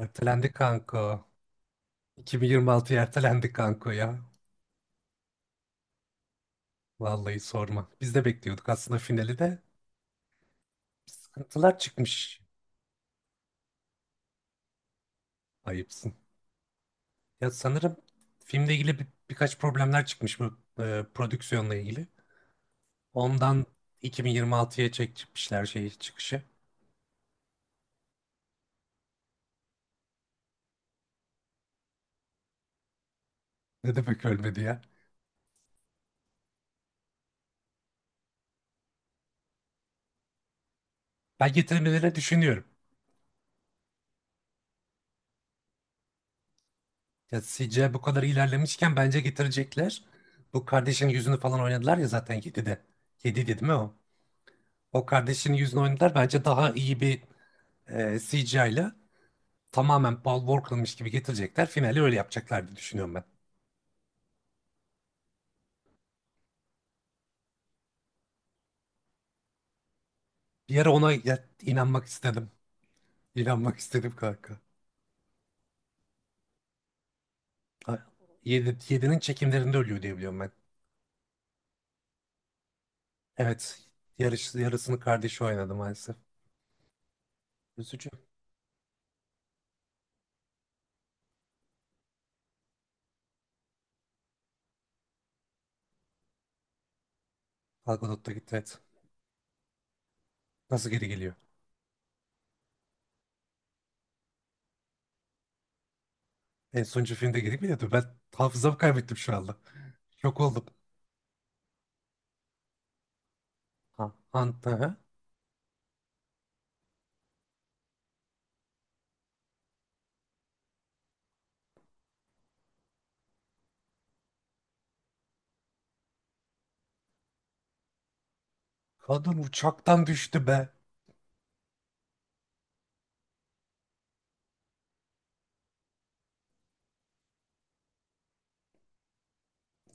Ertelendi kanka. 2026'ya ertelendi kanka ya. Vallahi sorma. Biz de bekliyorduk aslında finali de. Sıkıntılar çıkmış. Ayıpsın. Ya sanırım filmle ilgili birkaç problemler çıkmış bu prodüksiyonla ilgili. Ondan 2026'ya çekmişler şeyi çıkışı. Ne demek ölmedi ya? Ben getirmelerini düşünüyorum. Ya CGI bu kadar ilerlemişken bence getirecekler. Bu kardeşin yüzünü falan oynadılar ya zaten 7'de. 7'de değil mi o? O kardeşin yüzünü oynadılar. Bence daha iyi bir CGI ile tamamen Paul Walker'mış gibi getirecekler. Finali öyle yapacaklar diye düşünüyorum ben. Bir ara ona inanmak istedim. İnanmak istedim kanka. 7'nin çekimlerinde ölüyor diye biliyorum ben. Evet. Yarısını kardeşi oynadı maalesef. Üzücü. Gal Gadot'ta gitti, evet. Nasıl geri geliyor? En sonuncu filmde geri mi? Ben hafızamı kaybettim şu anda. Şok oldum. Ha, kadın uçaktan düştü be.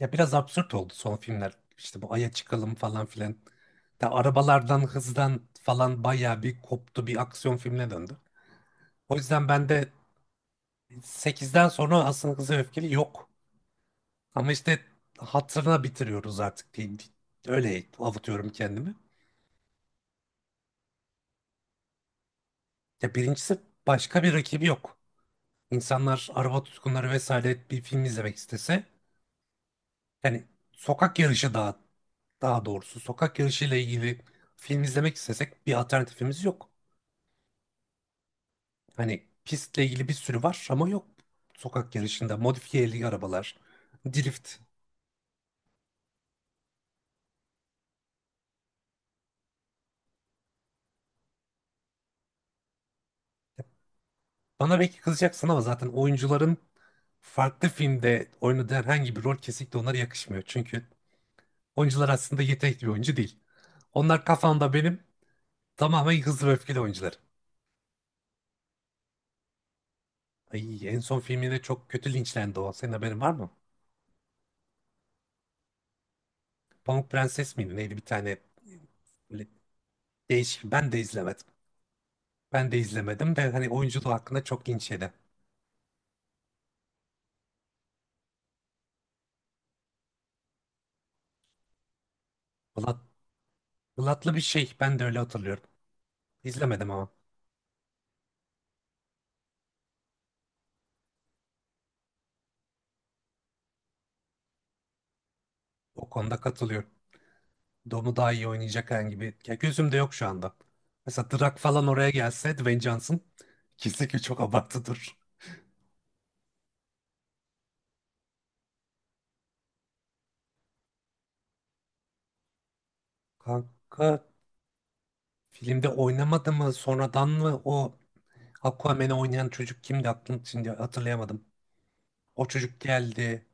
Ya biraz absürt oldu son filmler. İşte bu Ay'a çıkalım falan filan. Da arabalardan, hızdan falan bayağı bir koptu, bir aksiyon filmine döndü. O yüzden ben de sekizden sonra aslında Hızlı ve Öfkeli yok. Ama işte hatırına bitiriyoruz artık diyeyim. Öyle avutuyorum kendimi. Ya birincisi başka bir rakibi yok. İnsanlar, araba tutkunları vesaire, bir film izlemek istese, yani sokak yarışı daha doğrusu sokak yarışıyla ilgili film izlemek istesek bir alternatifimiz yok. Hani pistle ilgili bir sürü var ama yok, sokak yarışında modifiyeli arabalar, drift. Bana belki kızacaksın ama zaten oyuncuların farklı filmde oynadığı herhangi bir rol kesinlikle onlara yakışmıyor. Çünkü oyuncular aslında yetenekli bir oyuncu değil. Onlar kafamda benim tamamen hızlı ve öfkeli oyuncular. Ay, en son filminde çok kötü linçlendi o. Senin haberin var mı? Pamuk Prenses miydi? Neydi bir tane böyle değişik. Ben de izlemedim. Ben de izlemedim de hani oyunculuğu hakkında çok linç yedi. Valla Ilıtlı bir şey. Ben de öyle hatırlıyorum. İzlemedim ama. O konuda katılıyorum. Dom'u daha iyi oynayacak herhangi bir... Ya gözümde yok şu anda. Mesela Drak falan oraya gelse, Dwayne Johnson. İkisi ki çok abartıdır. Kanka, filmde oynamadı mı sonradan mı o Aquaman'ı oynayan çocuk? Kimdi, aklım şimdi hatırlayamadım. O çocuk geldi.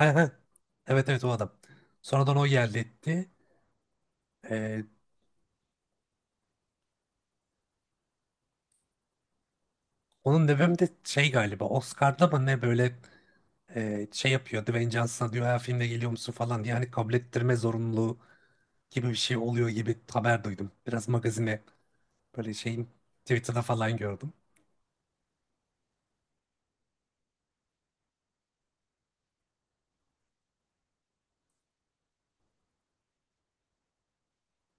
He he. Evet, evet, o adam. Sonradan o geldi etti. Ee, Onun nedeni de şey galiba, Oscar'da mı ne, böyle şey yapıyor Dwayne Johnson'a, diyor ha filmde geliyor musun falan diye, hani kabul ettirme zorunluluğu gibi bir şey oluyor gibi haber duydum. Biraz magazine böyle şeyin Twitter'da falan gördüm.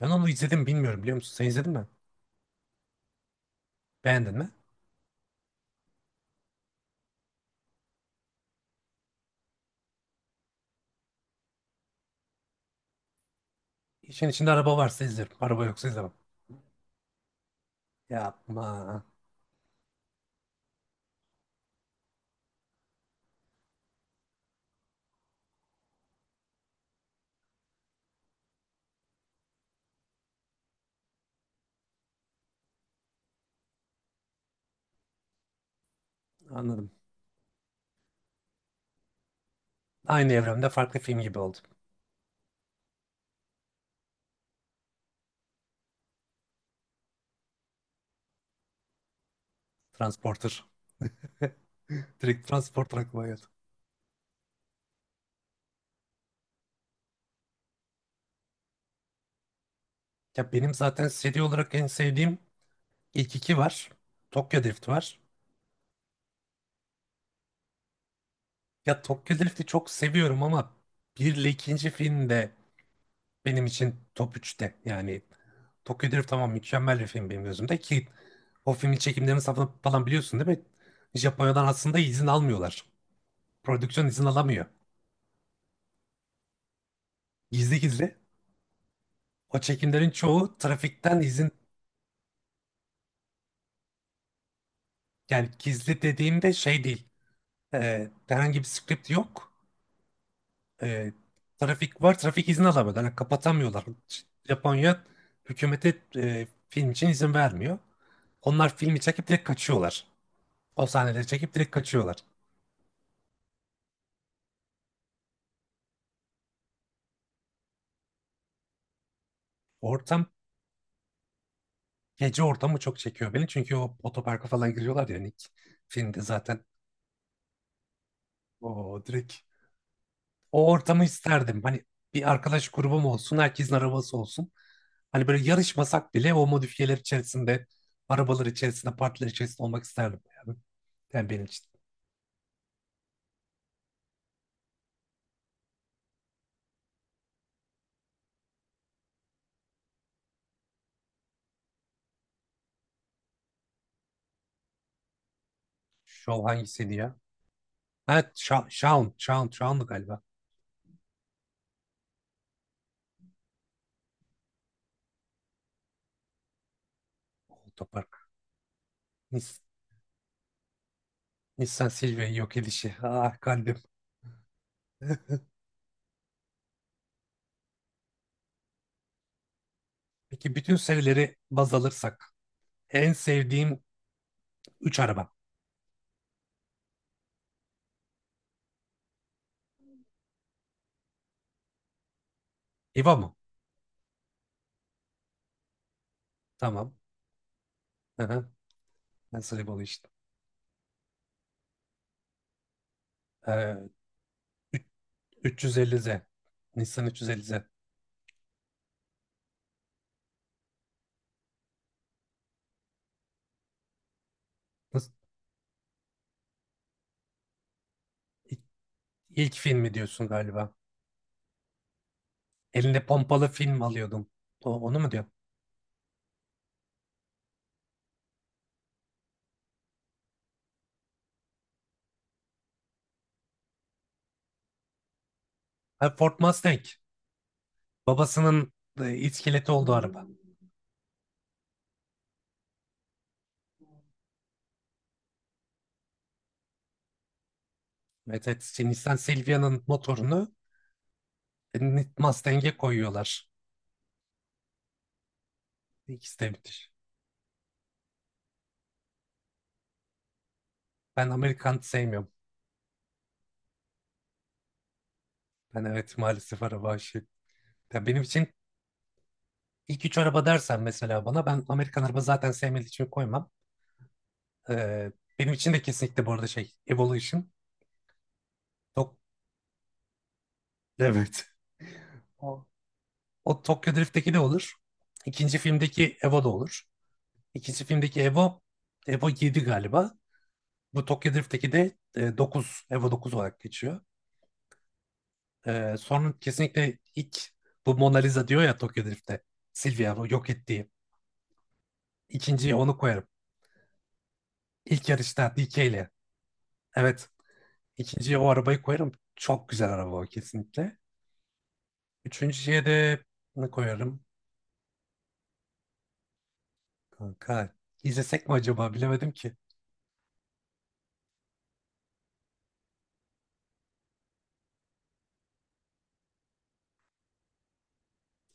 Ben onu izledim, bilmiyorum biliyor musun? Sen izledin mi? Beğendin mi? İşin içinde araba varsa izlerim. Araba yoksa izlemem. Yapma. Anladım. Aynı evrende farklı film gibi oldu. Transporter. Direkt Transporter aklıma geldi. Ya benim zaten seri olarak en sevdiğim ilk iki var. Tokyo Drift var. Ya Tokyo Drift'i çok seviyorum ama bir ile ikinci film de benim için top 3'te. Yani Tokyo Drift tamam, mükemmel bir film benim gözümde, ki o filmin çekimlerini, safını falan biliyorsun değil mi? Japonya'dan aslında izin almıyorlar. Prodüksiyon izin alamıyor. Gizli gizli. O çekimlerin çoğu trafikten izin, yani gizli dediğimde şey değil. Herhangi bir script yok. e, Trafik var. Trafik izni alamıyorlar. Yani kapatamıyorlar. Japonya hükümete film için izin vermiyor. Onlar filmi çekip direkt kaçıyorlar. O sahneleri çekip direkt kaçıyorlar. Ortam, Gece ortamı çok çekiyor beni. Çünkü o otoparka falan giriyorlar ya, hani ilk filmde zaten o direkt o ortamı isterdim. Hani bir arkadaş grubum olsun, herkesin arabası olsun. Hani böyle yarışmasak bile o modifiyeler içerisinde, arabalar içerisinde, partiler içerisinde olmak isterdim yani. Yani benim için. Şov hangisiydi ya? Ha, Shaun'du galiba. Otopark. Nis Nissan Silvia'yı yok edişi. Ah kalbim. Peki bütün serileri baz alırsak. En sevdiğim 3 araba. Eva mı? Tamam. Hı hı. Nasıl Eva'lı işte. Ee, üç- 350Z. Nissan 350Z. Nasıl- İlk, ilk filmi diyorsun galiba. Eline pompalı film alıyordum. Onu mu diyor? Ha, Ford Mustang. Babasının iskeleti olduğu araba. Evet, evet. Şey, Nissan Silvia'nın motorunu Mustang'e koyuyorlar. İkisi de müthiş. Ben Amerikan sevmiyorum. Ben evet, maalesef araba aşığı. Ya benim için ilk üç araba dersen mesela bana, ben Amerikan araba zaten sevmediğim için koymam. Ee, Benim için de kesinlikle bu arada şey, Evolution. Tok evet. O, o Tokyo Drift'teki de olur. İkinci filmdeki Evo da olur. İkinci filmdeki Evo, Evo yedi galiba. Bu Tokyo Drift'teki de 9, Evo dokuz olarak geçiyor. Sonra kesinlikle ilk bu Mona Lisa diyor ya Tokyo Drift'te. Silvia bu yok ettiği. İkinciyi onu koyarım. İlk yarışta DK ile. Evet. ikinciye o arabayı koyarım. Çok güzel araba o kesinlikle. Üçüncüye de ne koyarım? Kanka izlesek mi acaba, bilemedim ki.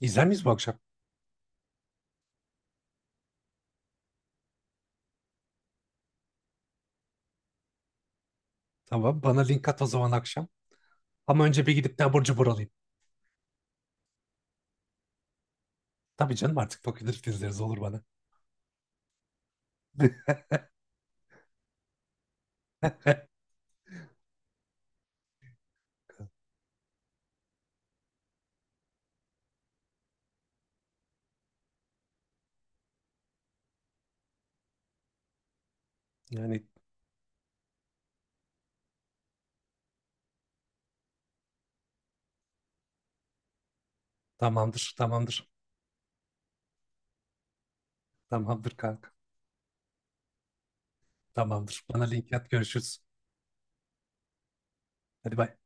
İzler miyiz bu akşam? Tamam, bana link at o zaman akşam. Ama önce bir gidip de abur cubur alayım. Tabii canım, artık Tokyo Drift izleriz, olur bana. Yani tamamdır, tamamdır. Tamamdır kanka. Tamamdır. Bana link at, görüşürüz. Hadi bay.